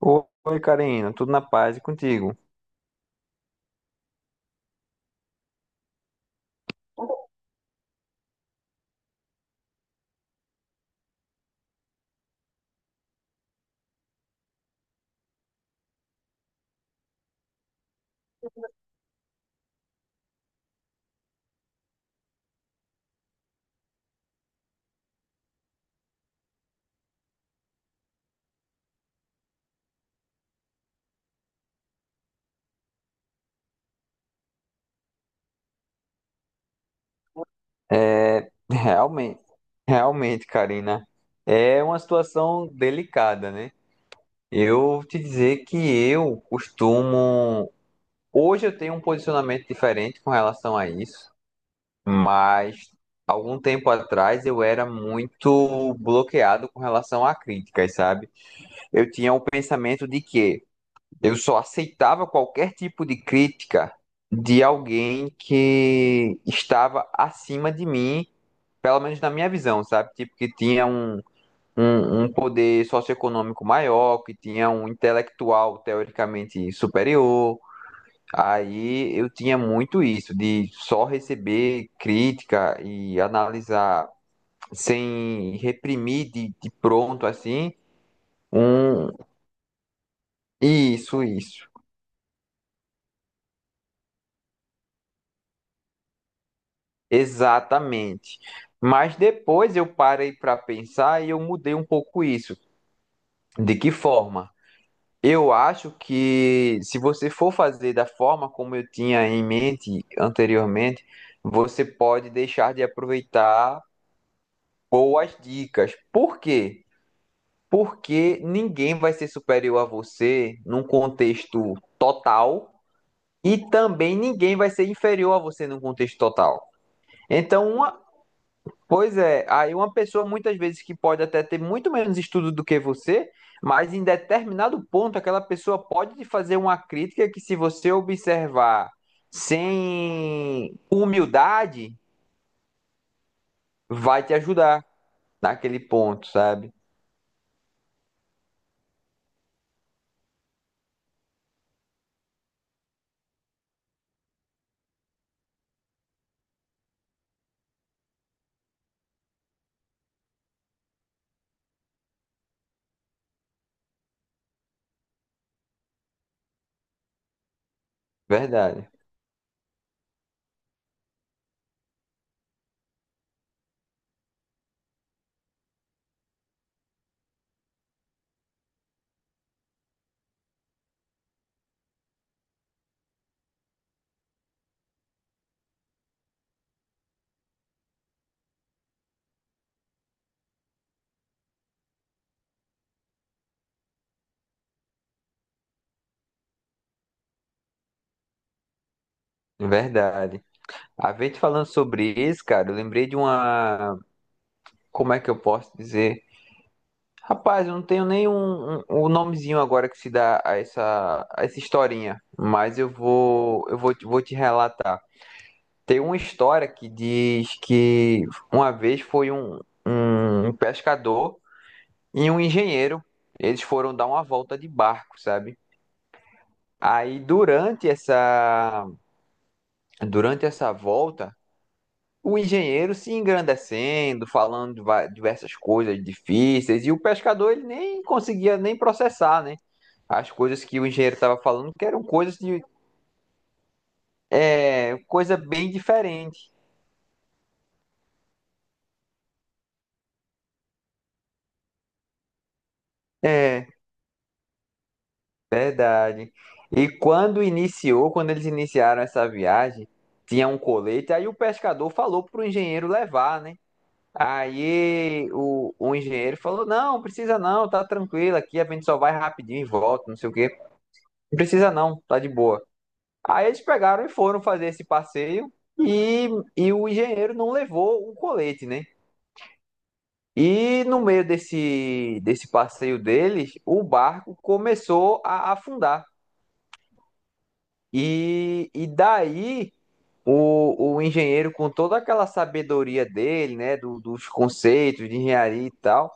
Oi, Karina, tudo na paz e contigo? É, realmente, realmente, Karina, é uma situação delicada, né? Eu te dizer que eu costumo. Hoje eu tenho um posicionamento diferente com relação a isso, mas algum tempo atrás eu era muito bloqueado com relação a críticas, sabe? Eu tinha o pensamento de que eu só aceitava qualquer tipo de crítica de alguém que estava acima de mim, pelo menos na minha visão, sabe? Tipo, que tinha um poder socioeconômico maior, que tinha um intelectual teoricamente superior. Aí eu tinha muito isso, de só receber crítica e analisar sem reprimir de pronto assim. Um, isso. Exatamente. Mas depois eu parei para pensar e eu mudei um pouco isso. De que forma? Eu acho que se você for fazer da forma como eu tinha em mente anteriormente, você pode deixar de aproveitar boas dicas. Por quê? Porque ninguém vai ser superior a você num contexto total, e também ninguém vai ser inferior a você num contexto total. Então, pois é, aí uma pessoa muitas vezes que pode até ter muito menos estudo do que você, mas em determinado ponto aquela pessoa pode te fazer uma crítica que, se você observar sem humildade, vai te ajudar naquele ponto, sabe? Verdade, verdade. A gente falando sobre isso, cara, eu lembrei de uma, como é que eu posso dizer? Rapaz, eu não tenho nem um, um o nomezinho agora que se dá a essa historinha, mas vou te relatar. Tem uma história que diz que uma vez foi um, um pescador e um engenheiro, eles foram dar uma volta de barco, sabe? Aí durante essa volta, o engenheiro se engrandecendo, falando de diversas coisas difíceis, e o pescador ele nem conseguia nem processar, né? As coisas que o engenheiro estava falando, que eram coisas de é, coisa bem diferente. É, verdade. E quando iniciou, quando eles iniciaram essa viagem, tinha um colete, aí o pescador falou pro engenheiro levar, né? Aí o engenheiro falou: "Não, precisa não, tá tranquilo aqui, a gente só vai rapidinho e volta, não sei o quê. Não precisa não, tá de boa." Aí eles pegaram e foram fazer esse passeio e, e o engenheiro não levou o colete, né? E no meio desse passeio deles, o barco começou a afundar. E daí o engenheiro, com toda aquela sabedoria dele, né, dos conceitos de engenharia e tal,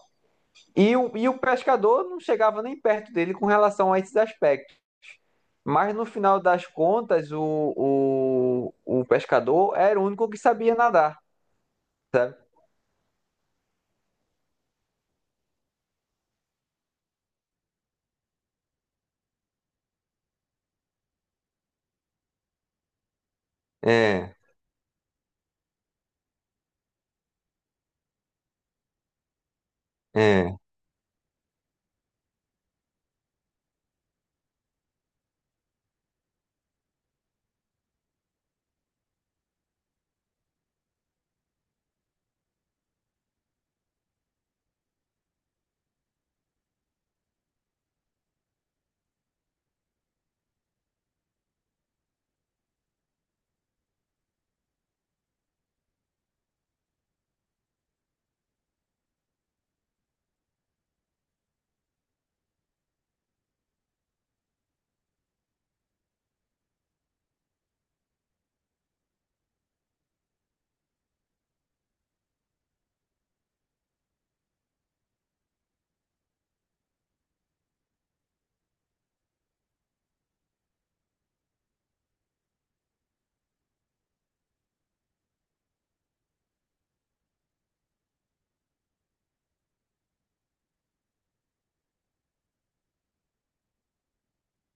e o pescador não chegava nem perto dele com relação a esses aspectos. Mas no final das contas, o pescador era o único que sabia nadar, sabe? É, é,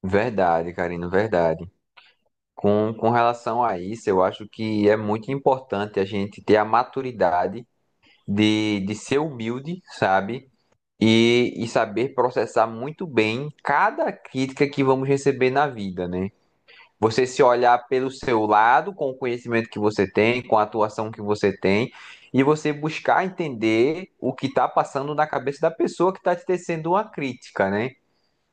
verdade, Karina, verdade. Com relação a isso, eu acho que é muito importante a gente ter a maturidade de ser humilde, sabe? E saber processar muito bem cada crítica que vamos receber na vida, né? Você se olhar pelo seu lado, com o conhecimento que você tem, com a atuação que você tem, e você buscar entender o que está passando na cabeça da pessoa que está te tecendo uma crítica, né?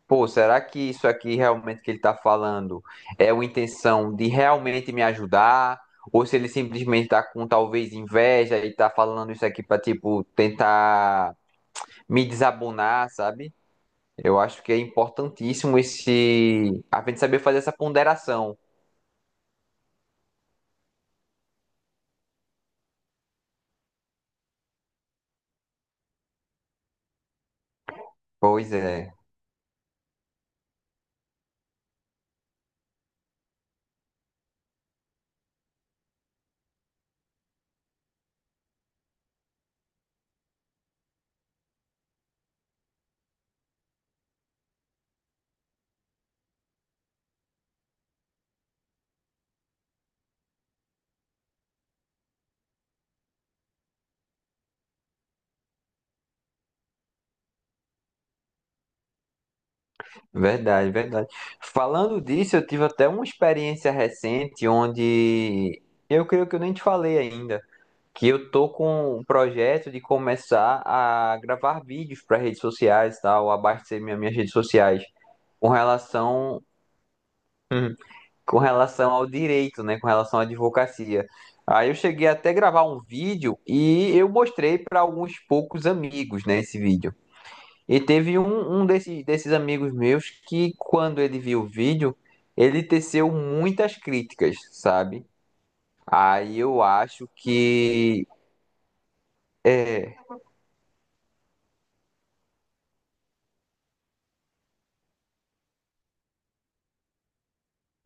Pô, será que isso aqui realmente que ele está falando é uma intenção de realmente me ajudar? Ou se ele simplesmente está com talvez inveja e está falando isso aqui para tipo, tentar me desabonar, sabe? Eu acho que é importantíssimo esse. A gente saber fazer essa ponderação. Pois é, verdade, verdade. Falando disso, eu tive até uma experiência recente onde eu creio que eu nem te falei ainda, que eu tô com um projeto de começar a gravar vídeos para redes sociais, e tal, abastecer minha, minhas redes sociais com relação com relação ao direito, né, com relação à advocacia. Aí eu cheguei até a gravar um vídeo e eu mostrei para alguns poucos amigos, né, esse vídeo. E teve um, um desses, desses amigos meus que, quando ele viu o vídeo, ele teceu muitas críticas, sabe? Aí eu acho que. É,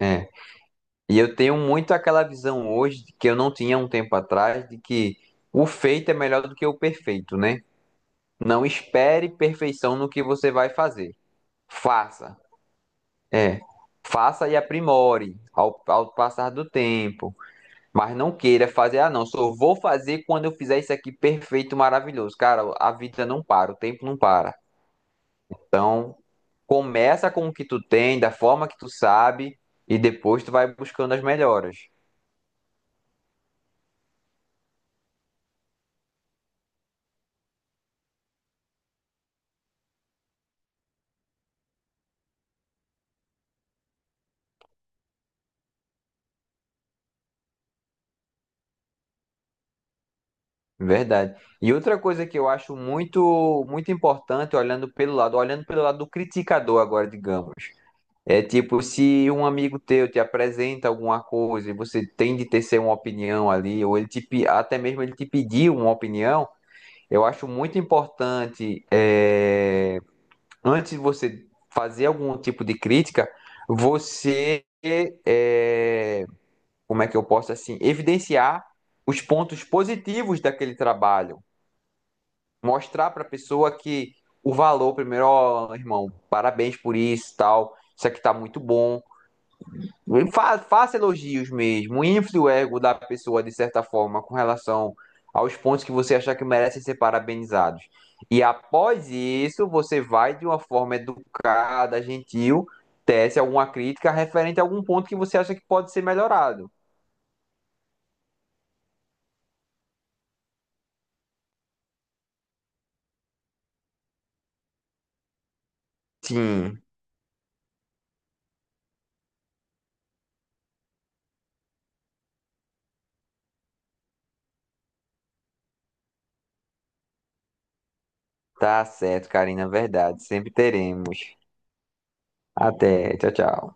é. E eu tenho muito aquela visão hoje, de que eu não tinha um tempo atrás, de que o feito é melhor do que o perfeito, né? Não espere perfeição no que você vai fazer. Faça. É. Faça e aprimore ao passar do tempo. Mas não queira fazer, ah, não, só vou fazer quando eu fizer isso aqui perfeito, maravilhoso. Cara, a vida não para, o tempo não para. Então, começa com o que tu tem, da forma que tu sabe, e depois tu vai buscando as melhoras. Verdade. E outra coisa que eu acho muito importante, olhando pelo lado do criticador agora, digamos, é tipo se um amigo teu te apresenta alguma coisa e você tem de tecer uma opinião ali, ou ele te, até mesmo ele te pediu uma opinião, eu acho muito importante é, antes de você fazer algum tipo de crítica, você é, como é que eu posso assim evidenciar os pontos positivos daquele trabalho, mostrar para a pessoa que o valor primeiro, ó, irmão, parabéns por isso, e tal, isso aqui tá muito bom. Faça elogios mesmo, infle o ego da pessoa de certa forma com relação aos pontos que você achar que merecem ser parabenizados. E após isso, você vai de uma forma educada, gentil, tece alguma crítica referente a algum ponto que você acha que pode ser melhorado. Sim, tá certo, Karina, verdade. Sempre teremos. Até, tchau, tchau.